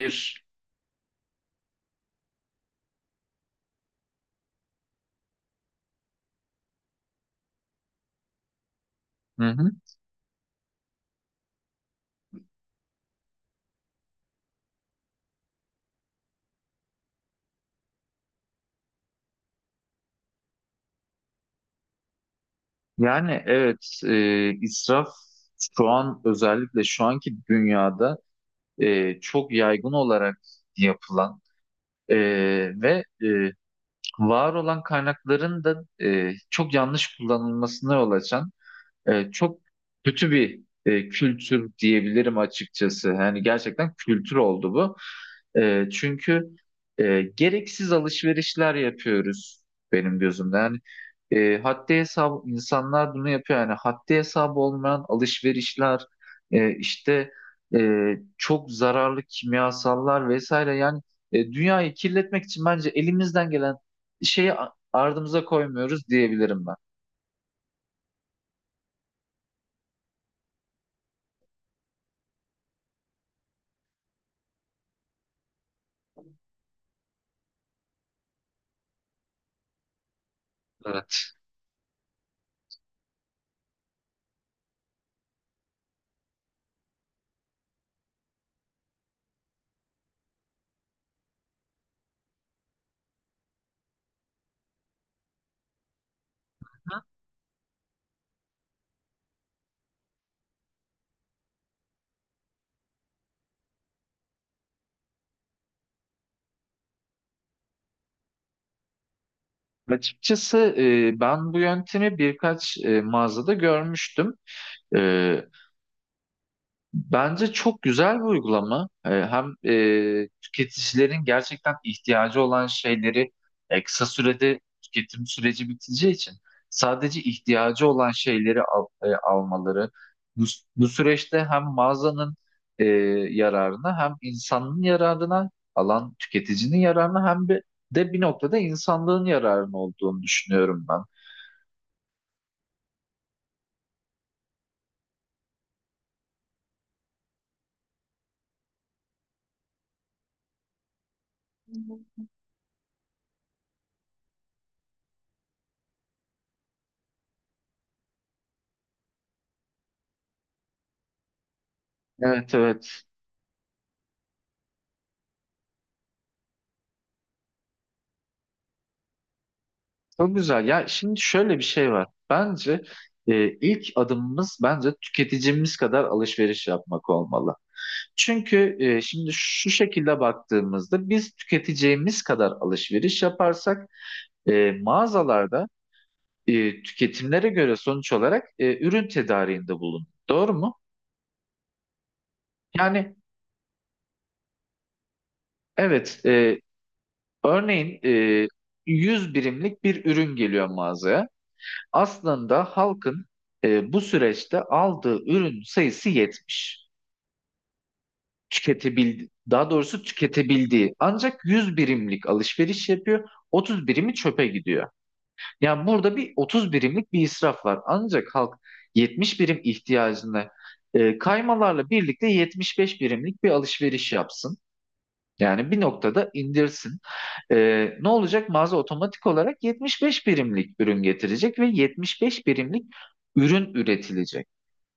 Bir. Hı hı. İsraf şu an özellikle şu anki dünyada çok yaygın olarak yapılan e, ve var olan kaynakların da çok yanlış kullanılmasına yol açan çok kötü bir kültür diyebilirim açıkçası. Yani gerçekten kültür oldu bu. Çünkü gereksiz alışverişler yapıyoruz benim gözümde. Yani haddi hesap insanlar bunu yapıyor. Yani haddi hesabı olmayan alışverişler e, işte e, çok zararlı kimyasallar vesaire. Yani dünyayı kirletmek için bence elimizden gelen şeyi ardımıza koymuyoruz diyebilirim ben. Evet. Açıkçası ben bu yöntemi birkaç mağazada görmüştüm. E, bence çok güzel bir uygulama. Hem tüketicilerin gerçekten ihtiyacı olan şeyleri, kısa sürede tüketim süreci biteceği için sadece ihtiyacı olan şeyleri almaları bu, bu süreçte hem mağazanın e, yararına hem insanın yararına alan tüketicinin yararına hem de bir noktada insanlığın yararına olduğunu düşünüyorum ben. Evet, evet. Çok güzel. Ya şimdi şöyle bir şey var. Bence ilk adımımız bence tüketicimiz kadar alışveriş yapmak olmalı. Çünkü şimdi şu şekilde baktığımızda biz tüketeceğimiz kadar alışveriş yaparsak e, mağazalarda tüketimlere göre sonuç olarak ürün tedariğinde bulun. Doğru mu? Yani evet e, örneğin e, 100 birimlik bir ürün geliyor mağazaya. Aslında halkın bu süreçte aldığı ürün sayısı 70, tüketebildi, daha doğrusu tüketebildiği ancak 100 birimlik alışveriş yapıyor. Otuz birimi çöpe gidiyor. Yani burada bir 30 birimlik bir israf var. Ancak halk 70 birim ihtiyacını, kaymalarla birlikte 75 birimlik bir alışveriş yapsın. Yani bir noktada indirsin. Ne olacak? Mağaza otomatik olarak 75 birimlik ürün getirecek ve 75 birimlik ürün üretilecek.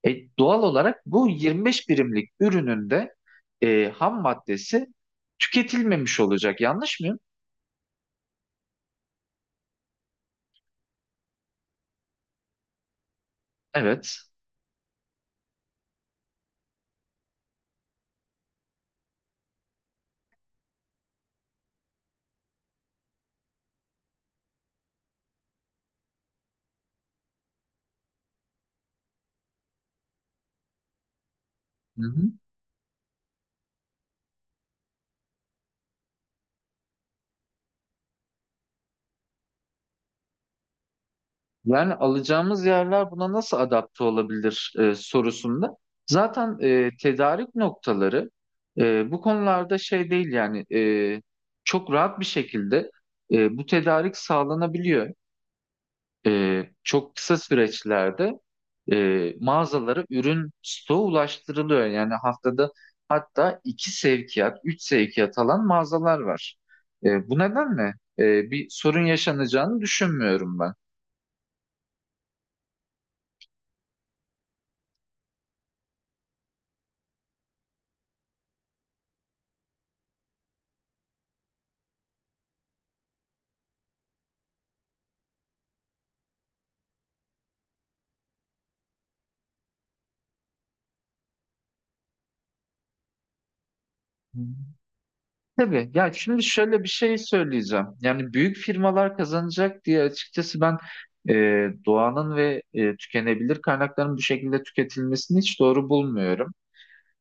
E, Doğal olarak bu 25 birimlik ürünün de ham maddesi tüketilmemiş olacak. Yanlış mıyım? Evet. Yani alacağımız yerler buna nasıl adapte olabilir sorusunda. Zaten tedarik noktaları bu konularda şey değil yani çok rahat bir şekilde, bu tedarik sağlanabiliyor. Çok kısa süreçlerde mağazalara ürün stoğu ulaştırılıyor. Yani haftada hatta iki sevkiyat, üç sevkiyat alan mağazalar var. Bu nedenle bir sorun yaşanacağını düşünmüyorum ben. Tabii. Ya şimdi şöyle bir şey söyleyeceğim. Yani büyük firmalar kazanacak diye açıkçası ben e, doğanın ve tükenebilir kaynakların bu şekilde tüketilmesini hiç doğru bulmuyorum.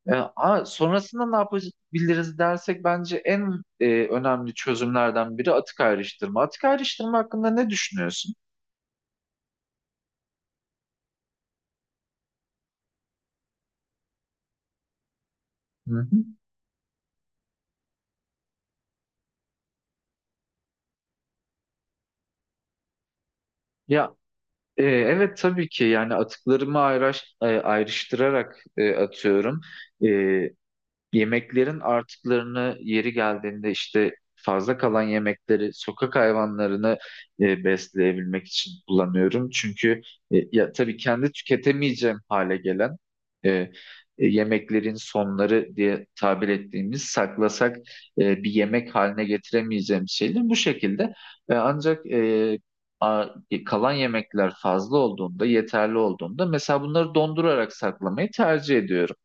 Sonrasında ne yapabiliriz dersek bence en önemli çözümlerden biri atık ayrıştırma. Atık ayrıştırma hakkında ne düşünüyorsun? Hı hı. Ya, evet tabii ki yani atıklarımı ayrıştırarak atıyorum. E, Yemeklerin artıklarını yeri geldiğinde işte fazla kalan yemekleri sokak hayvanlarını besleyebilmek için kullanıyorum. Çünkü ya tabii kendi tüketemeyeceğim hale gelen e, yemeklerin sonları diye tabir ettiğimiz saklasak, bir yemek haline getiremeyeceğim şeyler bu şekilde. Ancak kalan yemekler fazla olduğunda, yeterli olduğunda mesela bunları dondurarak saklamayı tercih ediyorum.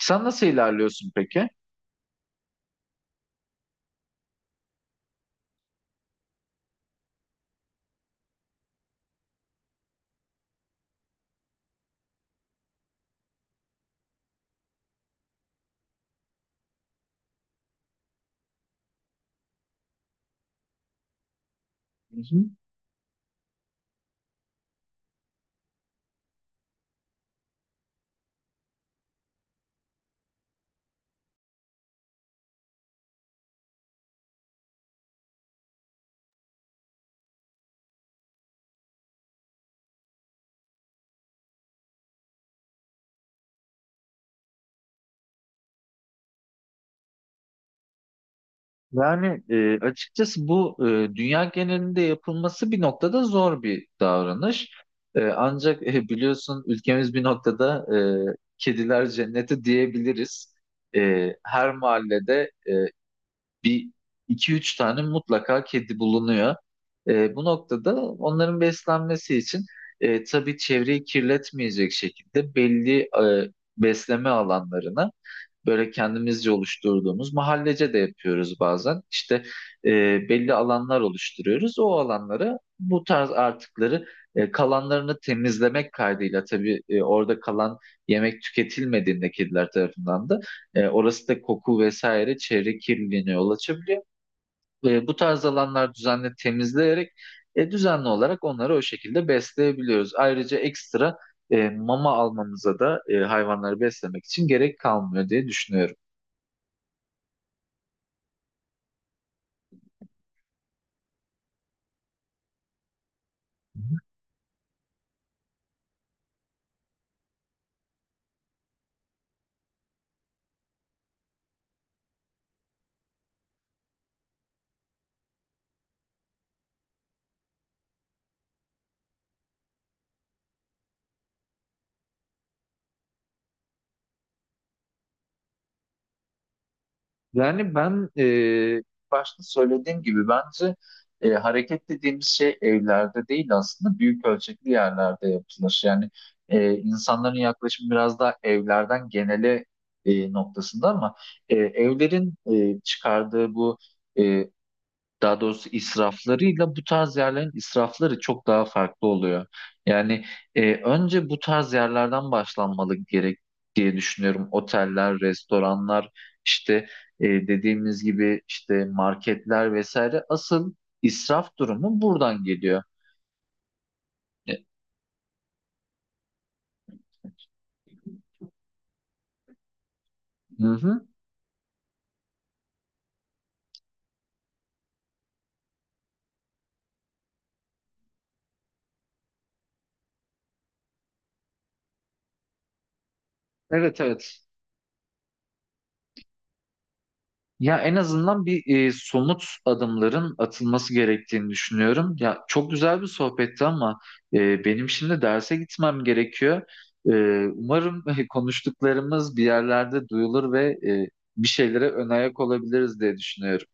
Sen nasıl ilerliyorsun peki? Hı hı. Yani açıkçası bu dünya genelinde yapılması bir noktada zor bir davranış. Ancak biliyorsun ülkemiz bir noktada kediler cenneti diyebiliriz. Her mahallede bir iki üç tane mutlaka kedi bulunuyor. Bu noktada onların beslenmesi için, tabii çevreyi kirletmeyecek şekilde belli besleme alanlarına böyle kendimizce oluşturduğumuz mahallece de yapıyoruz bazen. İşte e, belli alanlar oluşturuyoruz. O alanlara bu tarz artıkları, kalanlarını temizlemek kaydıyla tabii, orada kalan yemek tüketilmediğinde kediler tarafından da orası da koku vesaire çevre kirliliğine yol açabiliyor. Bu tarz alanlar düzenli temizleyerek düzenli olarak onları o şekilde besleyebiliyoruz. Ayrıca ekstra mama almamıza da hayvanları beslemek için gerek kalmıyor diye düşünüyorum. Yani başta söylediğim gibi bence hareket dediğimiz şey evlerde değil aslında büyük ölçekli yerlerde yapılır. Yani insanların yaklaşımı biraz daha evlerden genele noktasında ama evlerin çıkardığı bu e, daha doğrusu israflarıyla bu tarz yerlerin israfları çok daha farklı oluyor. Yani önce bu tarz yerlerden başlanmalı gerek diye düşünüyorum. Oteller, restoranlar, işte dediğimiz gibi işte marketler vesaire asıl israf durumu buradan geliyor. E, Hı hı. Evet, evet. Ya en azından somut adımların atılması gerektiğini düşünüyorum. Ya çok güzel bir sohbetti ama benim şimdi derse gitmem gerekiyor. E, Umarım konuştuklarımız bir yerlerde duyulur ve bir şeylere ön ayak olabiliriz diye düşünüyorum.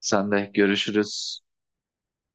Sen de görüşürüz.